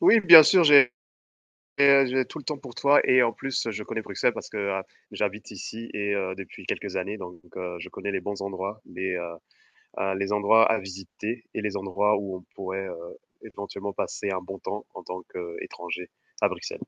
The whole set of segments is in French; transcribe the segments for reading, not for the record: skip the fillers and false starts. Oui, bien sûr, j'ai tout le temps pour toi et en plus, je connais Bruxelles parce que j'habite ici et depuis quelques années donc je connais les bons endroits, les endroits à visiter et les endroits où on pourrait éventuellement passer un bon temps en tant qu'étranger à Bruxelles.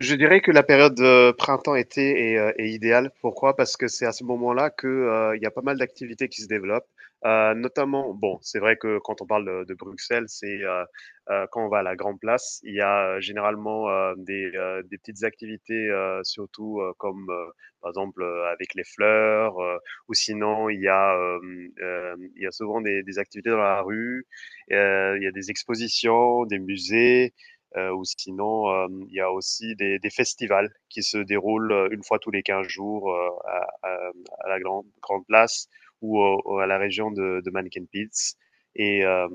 Je dirais que la période printemps-été est idéale. Pourquoi? Parce que c'est à ce moment-là que il y a pas mal d'activités qui se développent, notamment bon, c'est vrai que quand on parle de Bruxelles, quand on va à la Grand Place, il y a généralement, des petites activités, surtout, comme, par exemple, avec les fleurs, ou sinon il y a, il y a souvent des activités dans la rue, il y a des expositions, des musées. Ou sinon, il y a aussi des festivals qui se déroulent une fois tous les 15 jours à la grande place ou à la région de Mannequin Pits. Et euh,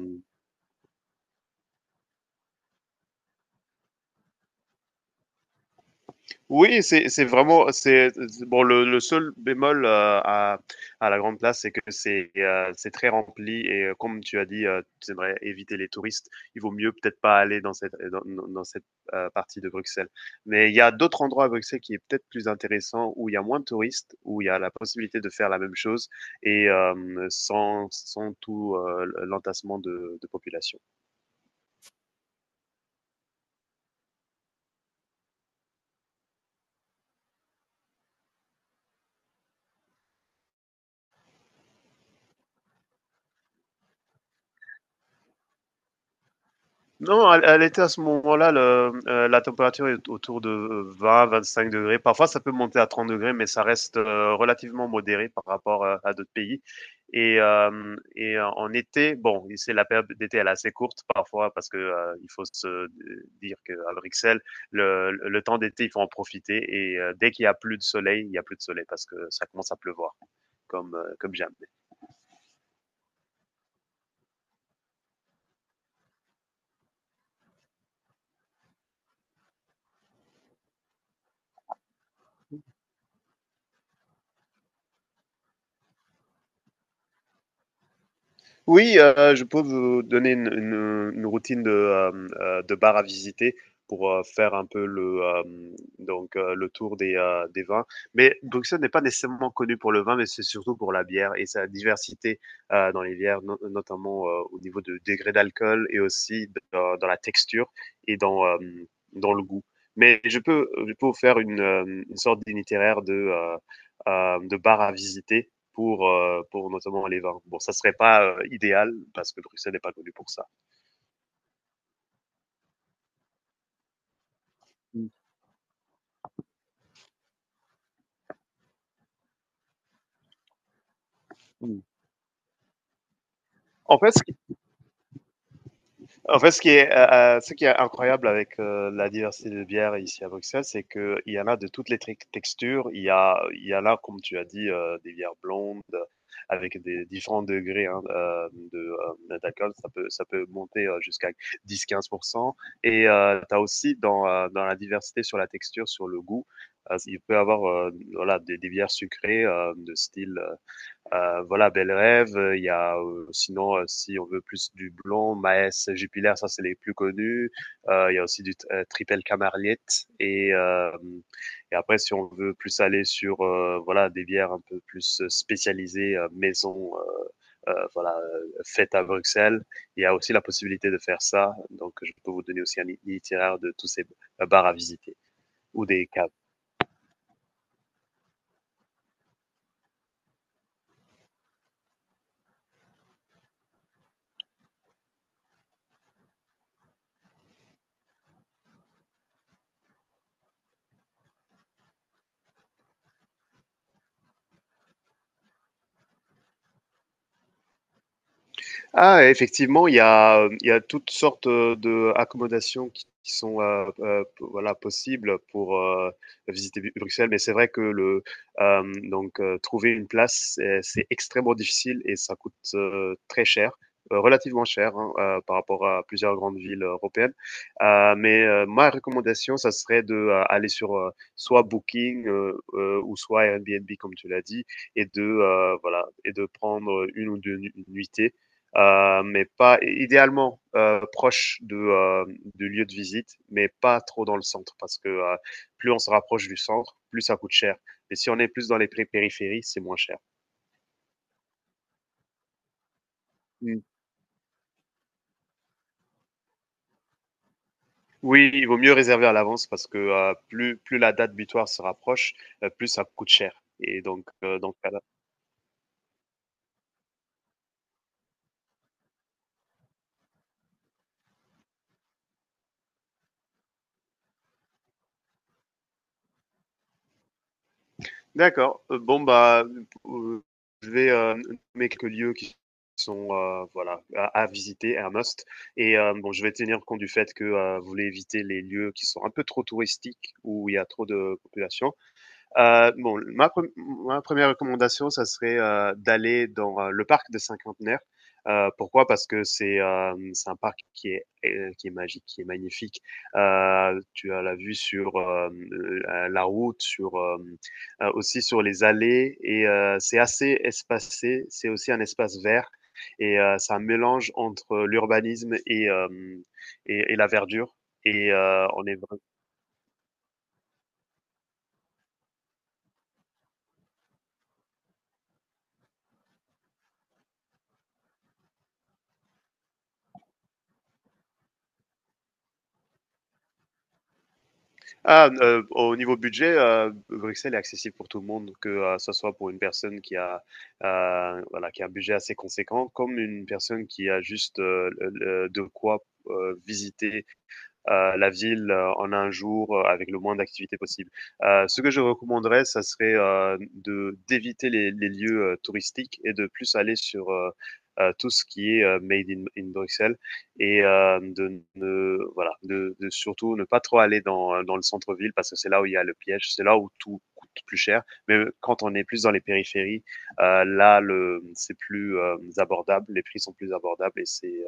Oui, c'est vraiment, c'est bon, le seul bémol, à la grande place, c'est que c'est très rempli et comme tu as dit, tu aimerais éviter les touristes. Il vaut mieux peut-être pas aller dans cette dans dans dans cette, partie de Bruxelles. Mais il y a d'autres endroits à Bruxelles qui est peut-être plus intéressant, où il y a moins de touristes, où il y a la possibilité de faire la même chose et sans tout, l'entassement de population. Non, elle, elle était à ce moment-là, la température est autour de 20-25 degrés. Parfois, ça peut monter à 30 degrés, mais ça reste relativement modéré par rapport à d'autres pays. Et en été, bon, c'est la période d'été, elle est assez courte parfois parce que il faut se dire qu'à Bruxelles, le temps d'été, il faut en profiter. Et dès qu'il y a plus de soleil, il y a plus de soleil parce que ça commence à pleuvoir, comme, comme jamais. Oui, je peux vous donner une routine de de bar à visiter pour, faire un peu donc le tour des vins. Mais Bruxelles n'est pas nécessairement connu pour le vin, mais c'est surtout pour la bière et sa diversité, dans les bières, no notamment, au niveau de degré d'alcool et aussi d dans dans la texture et dans, dans le goût. Mais je peux vous faire une, une sorte d'itinéraire de de bar à visiter pour notamment les vins. Bon, ça serait pas idéal parce que Bruxelles n'est pas connu pour ça. Mm, mm. En fait, En fait, ce qui est incroyable avec la diversité de bières ici à Bruxelles, c'est qu'il y en a de toutes les textures. Il y a, il y en a, comme tu as dit, des bières blondes avec des différents degrés hein, d'alcool. Ça peut monter jusqu'à 10-15%. Et tu as aussi dans, dans la diversité sur la texture, sur le goût, il peut y avoir voilà, des bières sucrées de style voilà, Bel Rêve. Il y a sinon, si on veut plus du blond, Maes, Jupiler, ça c'est les plus connus. Il y a aussi du Triple Camarliette. Et après, si on veut plus aller sur voilà des bières un peu plus spécialisées, maison, voilà, fête à Bruxelles, il y a aussi la possibilité de faire ça. Donc, je peux vous donner aussi un itinéraire de tous ces bars à visiter ou des caves. Ah, effectivement, il y a toutes sortes de accommodations qui sont voilà possibles pour visiter Bruxelles, mais c'est vrai que le trouver une place c'est extrêmement difficile et ça coûte très cher, relativement cher hein, par rapport à plusieurs grandes villes européennes. Mais ma recommandation, ça serait de aller sur soit Booking ou soit Airbnb comme tu l'as dit et de voilà et de prendre une ou deux nuitées mais pas idéalement proche de, du lieu de visite, mais pas trop dans le centre, parce que plus on se rapproche du centre, plus ça coûte cher. Et si on est plus dans les périphéries, c'est moins cher. Mm. Oui, il vaut mieux réserver à l'avance parce que plus la date butoir se rapproche, plus ça coûte cher. Et donc, D'accord. Bon, bah, heu, je vais, nommer quelques lieux qui sont, voilà, à visiter, un must et bon, je vais tenir compte du fait que, vous voulez éviter les lieux qui sont un peu trop touristiques, où il y a trop de population. Bon, ma première recommandation, ça serait d'aller dans le parc des Cinquantenaires. Pourquoi? Parce que c'est un parc qui est qui est magique, qui est magnifique. Tu as la vue sur la route, sur aussi sur les allées et c'est assez espacé. C'est aussi un espace vert et c'est un mélange entre l'urbanisme et la verdure. Et on est ah, au niveau budget, Bruxelles est accessible pour tout le monde, que, ce soit pour une personne qui a, voilà, qui a un budget assez conséquent, comme une personne qui a juste, le de quoi, visiter la ville en un jour avec le moins d'activité possible. Ce que je recommanderais, ça serait de d'éviter lieux touristiques et de plus aller sur tout ce qui est made in Bruxelles et de ne voilà de, surtout ne pas trop aller dans, dans le centre-ville parce que c'est là où il y a le piège, c'est là où tout coûte plus cher. Mais quand on est plus dans les périphéries, là le c'est plus abordable, les prix sont plus abordables et c'est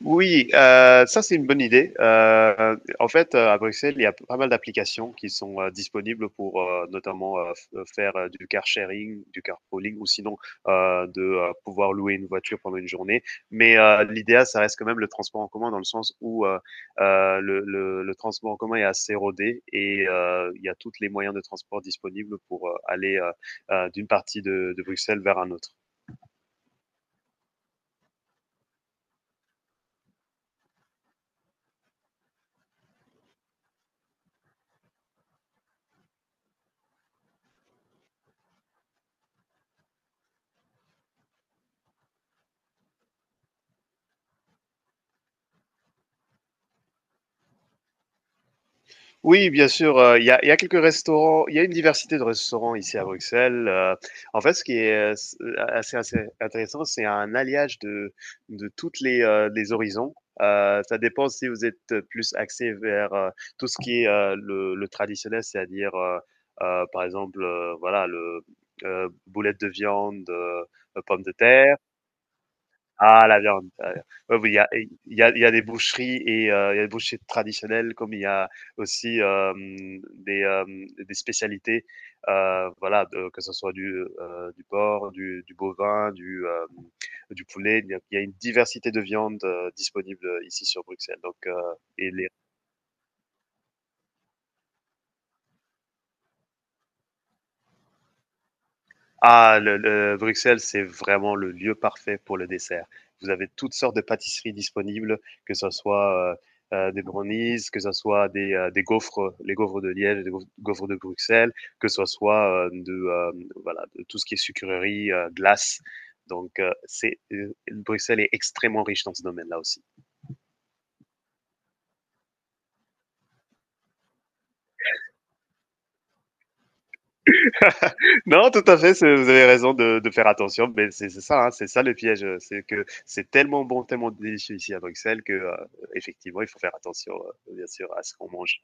oui, ça c'est une bonne idée. En fait, à Bruxelles, il y a pas mal d'applications qui sont, disponibles pour, notamment, f faire, du car sharing, du carpooling ou sinon, de, pouvoir louer une voiture pendant une journée. Mais, l'idéal, ça reste quand même le transport en commun dans le sens où, le transport en commun est assez rodé et il y a tous les moyens de transport disponibles pour, aller, d'une partie de Bruxelles vers un autre. Oui, bien sûr, il y a quelques restaurants. Il y a une diversité de restaurants ici à Bruxelles, en fait, ce qui est, c assez intéressant, c'est un alliage de toutes les horizons, ça dépend si vous êtes plus axé vers, tout ce qui est, le traditionnel, c'est-à-dire par exemple, voilà, le, boulettes de viande, pommes de terre ah la viande, oui, oui, il y a il y a il y a des boucheries et il y a des boucheries traditionnelles comme il y a aussi, des, des spécialités, voilà, de que ce soit du porc, du bovin, du, du poulet. Il y a une diversité de viandes, disponibles, ici sur Bruxelles donc et ah, le, Bruxelles, c'est vraiment le lieu parfait pour le dessert. Vous avez toutes sortes de pâtisseries disponibles, que ce soit des brownies, que ce soit des gaufres, les gaufres de Liège, les gaufres de Bruxelles, que ce soit de, voilà, de tout ce qui est sucrerie, glace. Donc, c'est, Bruxelles est extrêmement riche dans ce domaine-là aussi. Non, tout à fait, c'est- vous avez raison de faire attention, mais c'est ça, hein, c'est ça le piège, c'est que c'est tellement bon, tellement délicieux ici à Bruxelles que effectivement, il faut faire attention, bien sûr, à ce qu'on mange.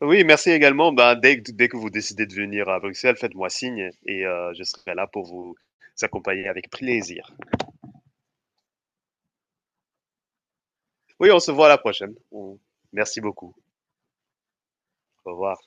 Oui, merci également. Ben, dès que vous décidez de venir à Bruxelles, faites-moi signe et je serai là pour vous accompagner avec plaisir. Oui, on se voit à la prochaine. On- merci beaucoup. Au revoir.